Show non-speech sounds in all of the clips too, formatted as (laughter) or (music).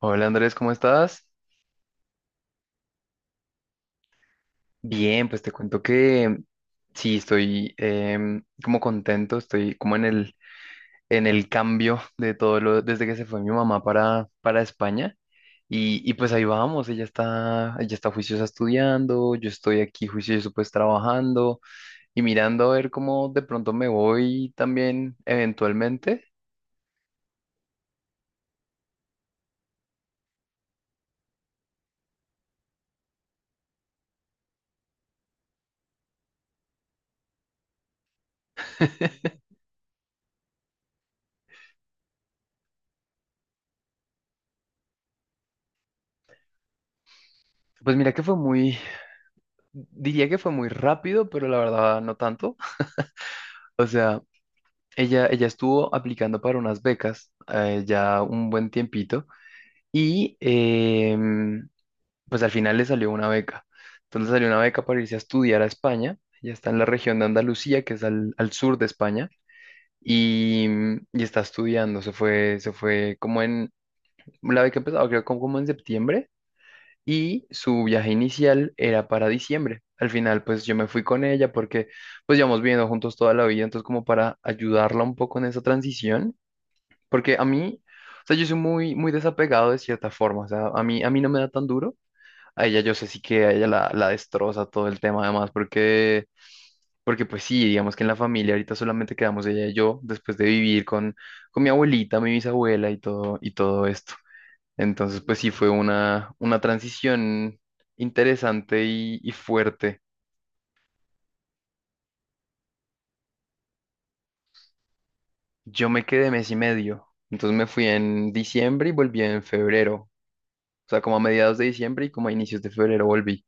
Hola Andrés, ¿cómo estás? Bien, pues te cuento que sí, estoy como contento, estoy como en el cambio de todo lo, desde que se fue mi mamá para España. Y pues ahí vamos, ella está juiciosa estudiando, yo estoy aquí juicioso pues trabajando y mirando a ver cómo de pronto me voy también eventualmente. (laughs) Pues mira que diría que fue muy rápido, pero la verdad no tanto. (laughs) O sea, ella estuvo aplicando para unas becas ya un buen tiempito y pues al final le salió una beca. Entonces le salió una beca para irse a estudiar a España. Ella está en la región de Andalucía, que es al sur de España, y, y está estudiando. Se fue como en, la beca empezó creo como en septiembre y su viaje inicial era para diciembre. Al final pues yo me fui con ella porque pues llevamos viviendo juntos toda la vida, entonces como para ayudarla un poco en esa transición porque a mí, o sea, yo soy muy, muy desapegado de cierta forma, o sea, a mí no me da tan duro. A ella yo sé sí que a ella la destroza todo el tema además, porque pues sí, digamos que en la familia ahorita solamente quedamos ella y yo después de vivir con mi abuelita, mi bisabuela y todo esto. Entonces, pues sí, fue una transición interesante y fuerte. Yo me quedé mes y medio, entonces me fui en diciembre y volví en febrero, o sea, como a mediados de diciembre y como a inicios de febrero volví.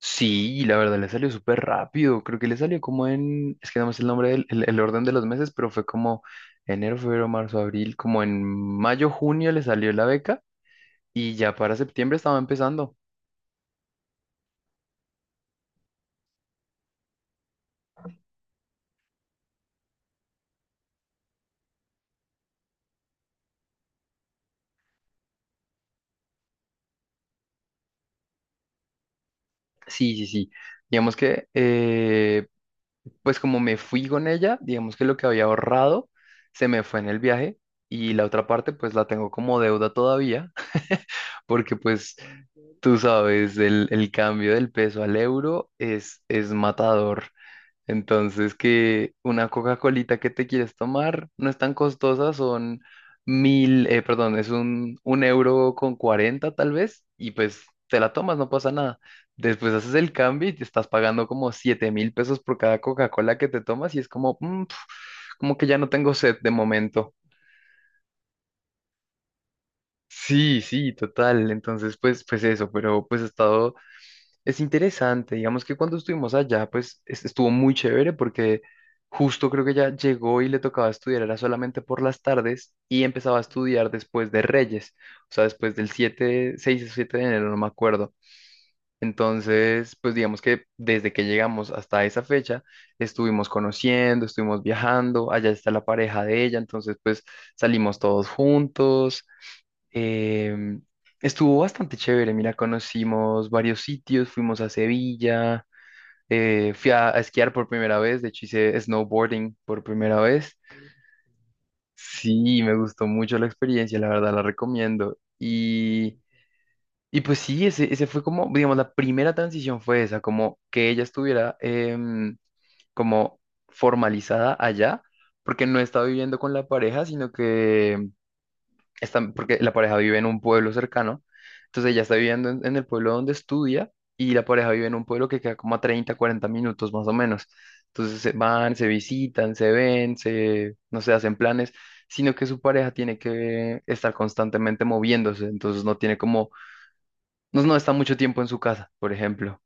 Sí, la verdad le salió súper rápido. Creo que le salió como en, es que no me sé el nombre del el orden de los meses, pero fue como enero, febrero, marzo, abril, como en mayo, junio le salió la beca y ya para septiembre estaba empezando. Sí, sí, sí. Digamos que, pues como me fui con ella, digamos que lo que había ahorrado se me fue en el viaje y la otra parte pues la tengo como deuda todavía, (laughs) porque pues tú sabes, el cambio del peso al euro es matador. Entonces, que una Coca-Colita que te quieres tomar no es tan costosa, son mil, perdón, es un euro con cuarenta tal vez, y pues te la tomas, no pasa nada. Después haces el cambio y te estás pagando como 7.000 pesos por cada Coca-Cola que te tomas, y es como, "Mm, pf, como que ya no tengo sed de momento". Sí, sí, total. Entonces, pues, pues eso, pero pues he estado Es interesante, digamos que cuando estuvimos allá, pues estuvo muy chévere porque justo creo que ya llegó y le tocaba estudiar, era solamente por las tardes y empezaba a estudiar después de Reyes, o sea, después del 7 6 o 7 de enero, no me acuerdo. Entonces, pues digamos que desde que llegamos hasta esa fecha, estuvimos conociendo, estuvimos viajando, allá está la pareja de ella, entonces pues salimos todos juntos. Em, Estuvo bastante chévere, mira, conocimos varios sitios, fuimos a Sevilla, fui a esquiar por primera vez, de hecho hice snowboarding por primera vez. Sí, me gustó mucho la experiencia, la verdad la recomiendo. Y pues sí, ese fue como, digamos, la primera transición fue esa, como que ella estuviera como formalizada allá, porque no estaba viviendo con la pareja, sino que están, porque la pareja vive en un pueblo cercano, entonces ella está viviendo en el pueblo donde estudia y la pareja vive en un pueblo que queda como a 30 40 minutos más o menos. Entonces se van, se visitan, se ven, se, no sé, hacen planes, sino que su pareja tiene que estar constantemente moviéndose, entonces no tiene como, no está mucho tiempo en su casa, por ejemplo,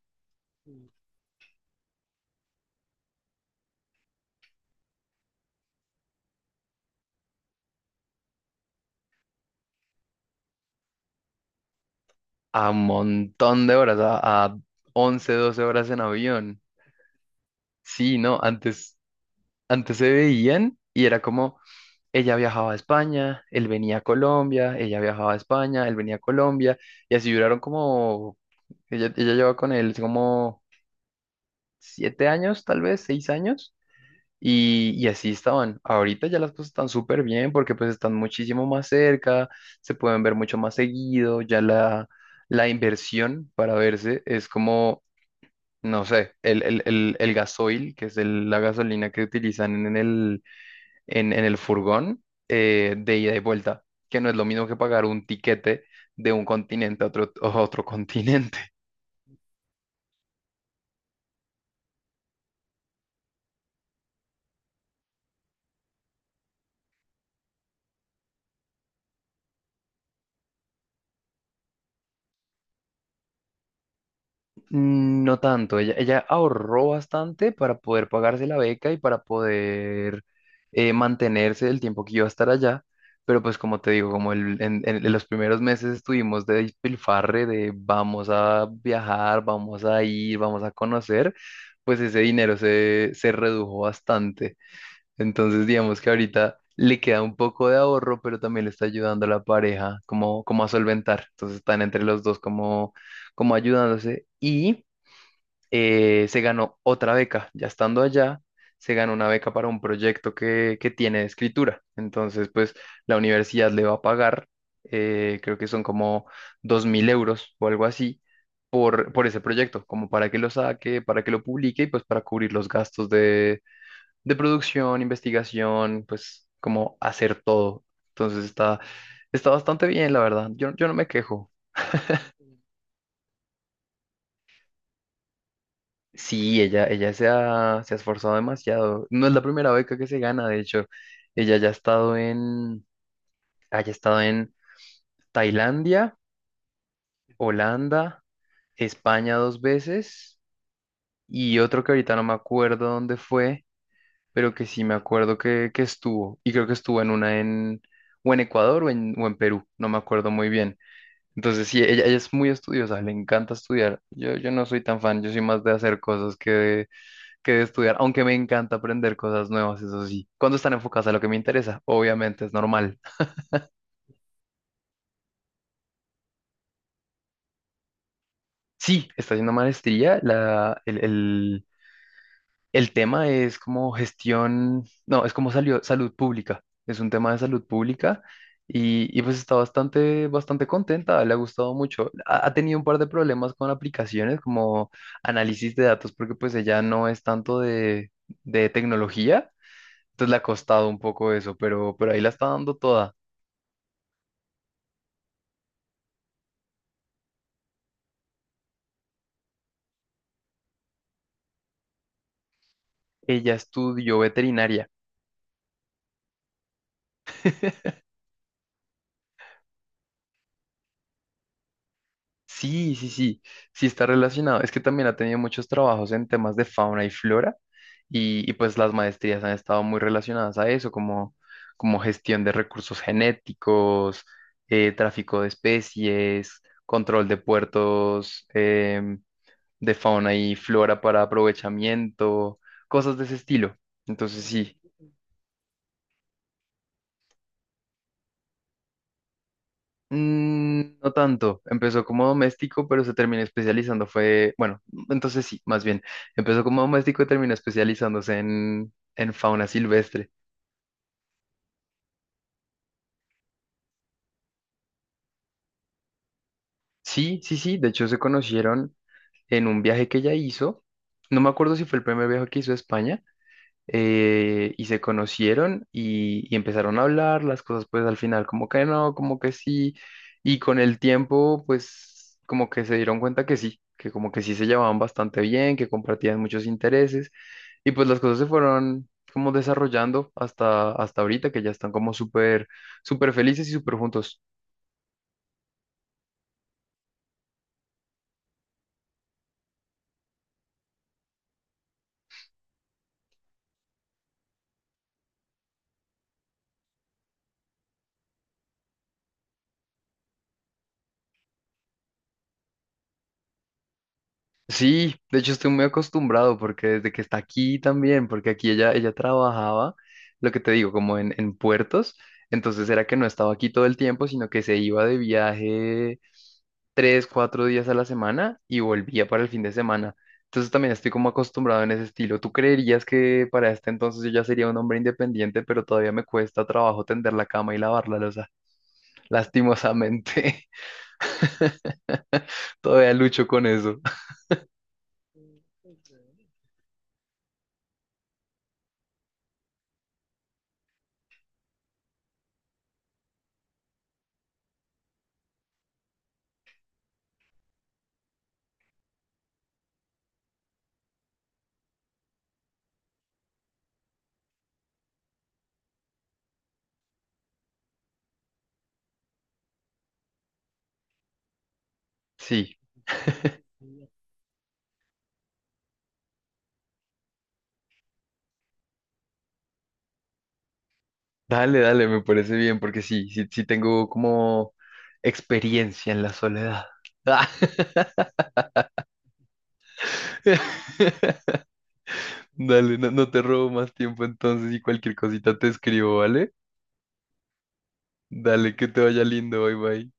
a un montón de horas, a 11, 12 horas en avión. Sí, no, antes se veían y era como ella viajaba a España, él venía a Colombia, ella viajaba a España, él venía a Colombia, y así duraron como, ella lleva con él como 7 años, tal vez, 6 años, y así estaban. Ahorita ya las cosas están súper bien porque pues están muchísimo más cerca, se pueden ver mucho más seguido, ya la inversión para verse es como, no sé, el gasoil, que es la gasolina que utilizan en el furgón, de ida y vuelta, que no es lo mismo que pagar un tiquete de un continente a otro (laughs) continente. No tanto, ella ahorró bastante para poder pagarse la beca y para poder mantenerse el tiempo que iba a estar allá. Pero pues como te digo, como en los primeros meses estuvimos de despilfarre, de vamos a viajar, vamos a ir, vamos a conocer, pues ese dinero se redujo bastante. Entonces, digamos que ahorita le queda un poco de ahorro, pero también le está ayudando a la pareja como a solventar. Entonces, están entre los dos como, como ayudándose. Y se ganó otra beca. Ya estando allá, se ganó una beca para un proyecto que tiene de escritura. Entonces, pues la universidad le va a pagar, creo que son como 2.000 euros o algo así. Por ese proyecto, como para que lo saque, para que lo publique y pues para cubrir los gastos de producción, investigación, pues como hacer todo. Entonces está bastante bien, la verdad. Yo no me quejo. Sí, ella se ha esforzado demasiado. No es la primera beca que se gana, de hecho. Ella ya ha estado en, haya estado en Tailandia, Holanda, España 2 veces y otro que ahorita no me acuerdo dónde fue, pero que sí me acuerdo que estuvo. Y creo que estuvo en una en, o en Ecuador o o en Perú, no me acuerdo muy bien. Entonces, sí, ella es muy estudiosa, le encanta estudiar. Yo no soy tan fan, yo soy más de hacer cosas que de, estudiar, aunque me encanta aprender cosas nuevas, eso sí. Cuando están enfocadas a lo que me interesa, obviamente es normal. Sí, está haciendo maestría, el tema es como gestión, no, es como salió salud pública. Es un tema de salud pública y pues está bastante, bastante contenta, le ha gustado mucho. Ha tenido un par de problemas con aplicaciones como análisis de datos porque pues ella no es tanto de tecnología, entonces le ha costado un poco eso, pero ahí la está dando toda. Ella estudió veterinaria. Sí, sí, sí, sí está relacionado. Es que también ha tenido muchos trabajos en temas de fauna y flora y pues las maestrías han estado muy relacionadas a eso, como, como gestión de recursos genéticos, tráfico de especies, control de puertos, de fauna y flora para aprovechamiento, cosas de ese estilo. Entonces sí, no tanto. Empezó como doméstico, pero se terminó especializando. Bueno, entonces sí, más bien. Empezó como doméstico y terminó especializándose en fauna silvestre. Sí, sí, sí. De hecho, se conocieron en un viaje que ella hizo. No me acuerdo si fue el primer viaje que hizo a España, y se conocieron y empezaron a hablar, las cosas pues al final como que no, como que sí, y con el tiempo pues como que se dieron cuenta que sí, que como que sí se llevaban bastante bien, que compartían muchos intereses y pues las cosas se fueron como desarrollando hasta ahorita que ya están como súper, súper felices y súper juntos. Sí, de hecho estoy muy acostumbrado porque desde que está aquí también, porque aquí ella trabajaba, lo que te digo, como en puertos, entonces era que no estaba aquí todo el tiempo, sino que se iba de viaje 3, 4 días a la semana y volvía para el fin de semana. Entonces también estoy como acostumbrado en ese estilo. ¿Tú creerías que para este entonces yo ya sería un hombre independiente, pero todavía me cuesta trabajo tender la cama y lavar la loza? Lastimosamente, (laughs) todavía lucho con eso. (laughs) Sí. Dale, dale, me parece bien, porque sí, sí, sí tengo como experiencia en la soledad. Ah. (laughs) Dale, no te robo más tiempo entonces y cualquier cosita te escribo, ¿vale? Dale, que te vaya lindo, bye bye.